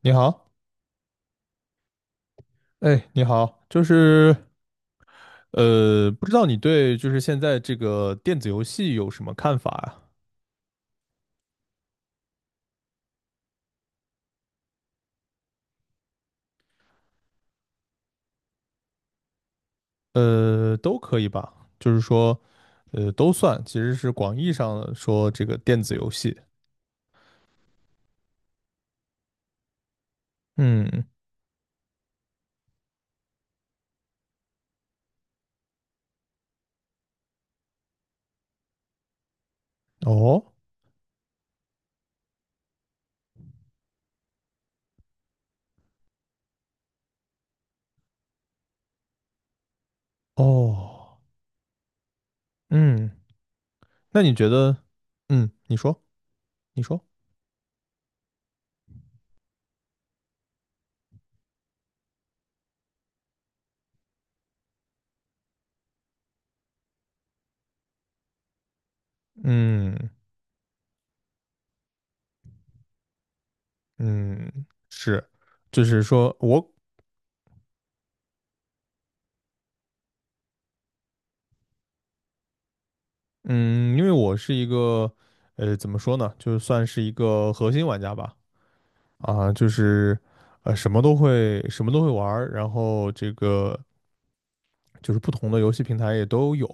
你好。哎，你好，不知道你对就是现在这个电子游戏有什么看法啊？呃，都可以吧。就是说，都算，其实是广义上的说这个电子游戏。嗯。哦。哦。嗯。那你觉得，嗯，你说，你说，嗯。嗯，是。就是说我，嗯，因为我是一个，怎么说呢，就算是一个核心玩家吧。啊，就是呃什么都会玩儿，然后这个就是不同的游戏平台也都有。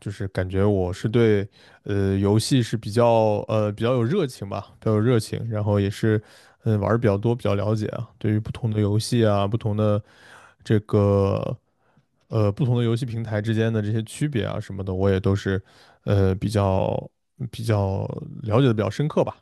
就是感觉我是对游戏是比较比较有热情吧，比较有热情，然后也是玩儿比较多，比较了解啊，对于不同的游戏啊，不同的这个不同的游戏平台之间的这些区别啊什么的，我也都是呃比较比较了解的比较深刻吧。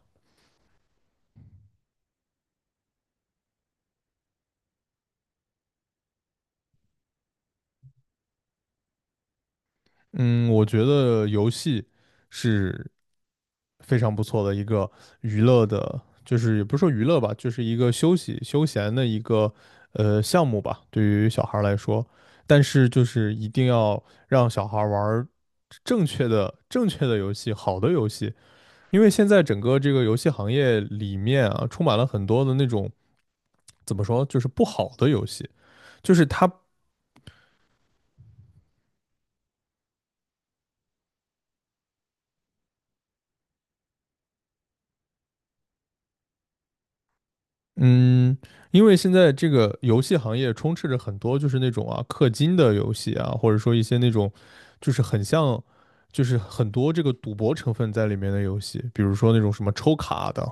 嗯，我觉得游戏是非常不错的一个娱乐的，就是也不是说娱乐吧，就是一个休息休闲的一个项目吧，对于小孩儿来说。但是就是一定要让小孩儿玩儿正确的游戏，好的游戏，因为现在整个这个游戏行业里面啊，充满了很多的那种怎么说，就是不好的游戏，就是它嗯，因为现在这个游戏行业充斥着很多就是那种啊氪金的游戏啊，或者说一些那种就是很像，就是很多这个赌博成分在里面的游戏，比如说那种什么抽卡的，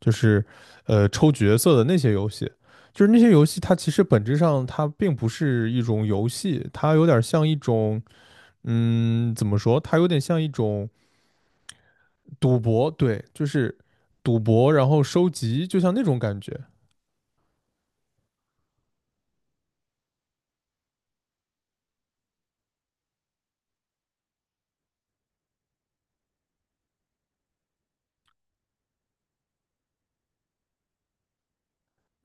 就是抽角色的那些游戏，就是那些游戏它其实本质上它并不是一种游戏，它有点像一种嗯怎么说，它有点像一种赌博。对，就是赌博，然后收集，就像那种感觉。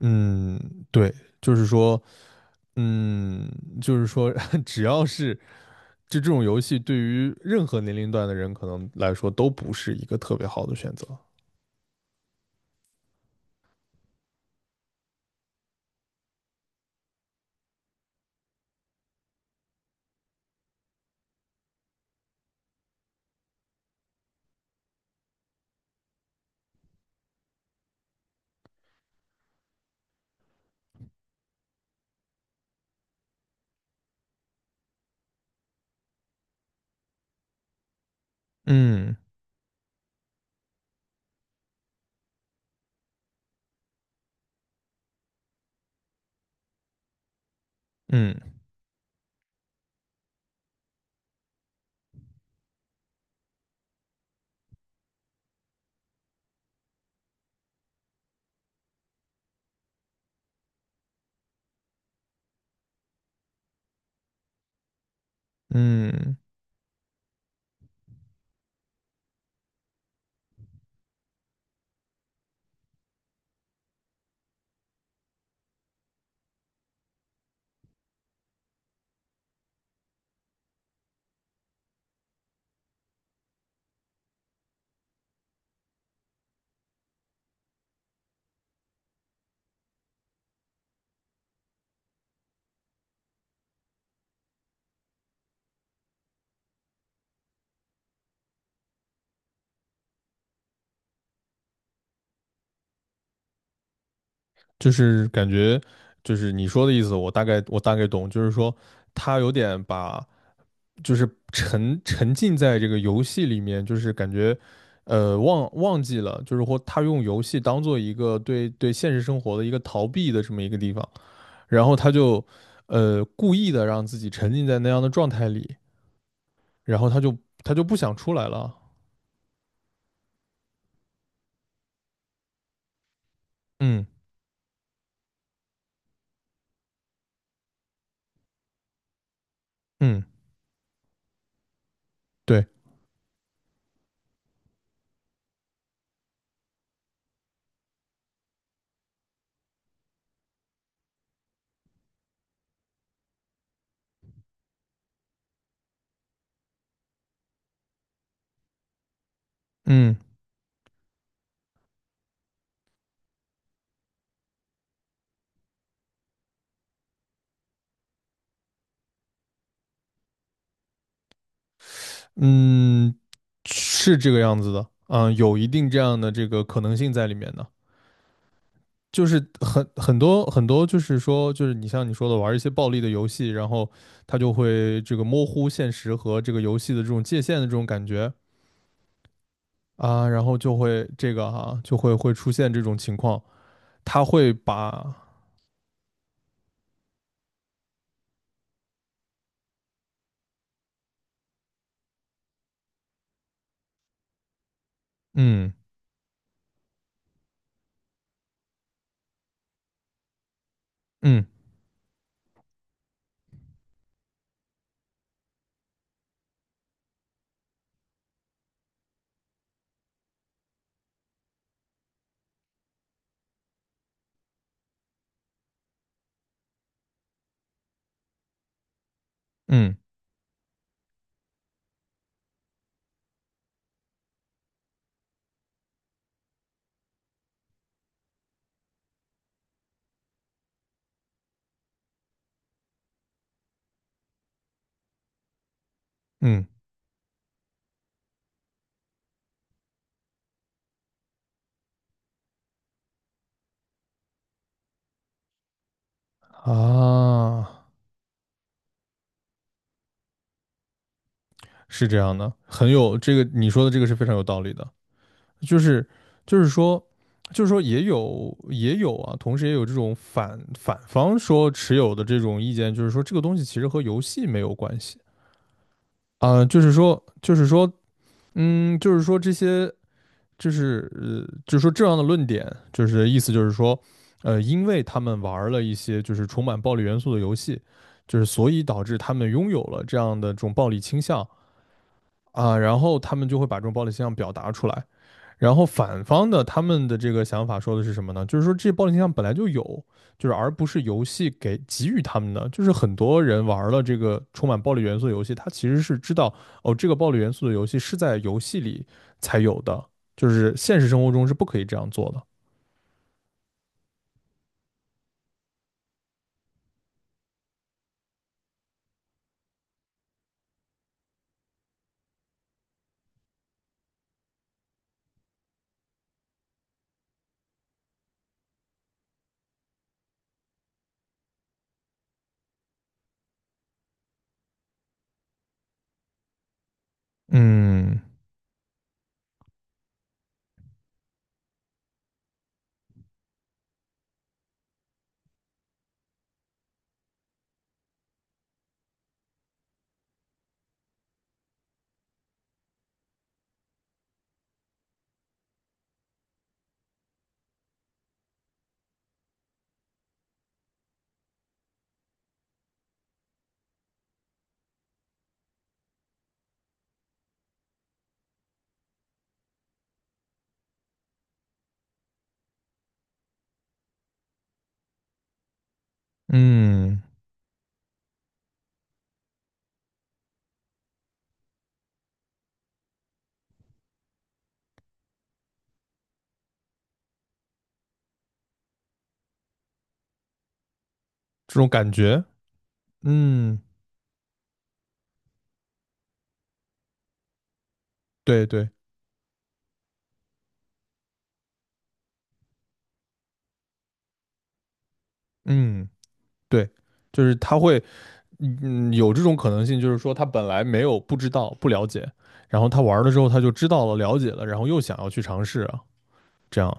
嗯，对，就是说，嗯，就是说，只要是就这种游戏，对于任何年龄段的人可能来说都不是一个特别好的选择。嗯嗯嗯。就是感觉，就是你说的意思，我大概懂。就是说，他有点把，就是沉浸在这个游戏里面，就是感觉，呃，忘记了，就是或他用游戏当做一个对现实生活的一个逃避的这么一个地方。然后他就故意的让自己沉浸在那样的状态里，然后他就不想出来了。嗯。嗯，对。嗯。嗯，是这个样子的，嗯，有一定这样的这个可能性在里面的。就是很多,就是说，就是你像你说的，玩一些暴力的游戏，然后他就会这个模糊现实和这个游戏的这种界限的这种感觉啊，然后就会这个就会出现这种情况，他会把。嗯。嗯。嗯。嗯。啊，是这样的，很有这个你说的这个是非常有道理的。就是就是说就是说也有同时也有这种反方说持有的这种意见，就是说这个东西其实和游戏没有关系啊。就是说这些就是呃，就是说这样的论点，意思就是说,呃，因为他们玩儿了一些就是充满暴力元素的游戏，就是所以导致他们拥有了这样的这种暴力倾向啊，然后他们就会把这种暴力倾向表达出来。然后反方的他们的这个想法说的是什么呢？就是说这暴力倾向本来就有，就是而不是游戏给予他们的。就是很多人玩了这个充满暴力元素的游戏，他其实是知道哦，这个暴力元素的游戏是在游戏里才有的，就是现实生活中是不可以这样做的。嗯。嗯，这种感觉。嗯，对对。嗯，对，就是他会嗯，有这种可能性。就是说他本来没有不知道、不了解，然后他玩了之后他就知道了、了解了，然后又想要去尝试啊，这样。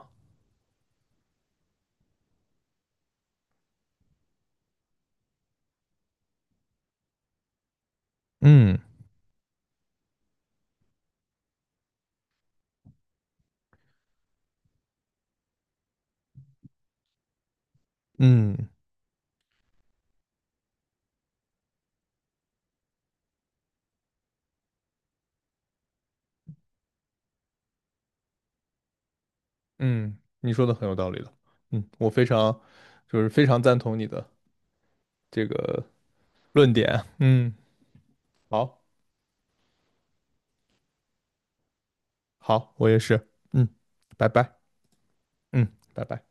嗯。嗯。嗯，你说的很有道理的。嗯，我非常非常赞同你的这个论点。嗯，好，好，我也是。嗯，拜拜。嗯，拜拜。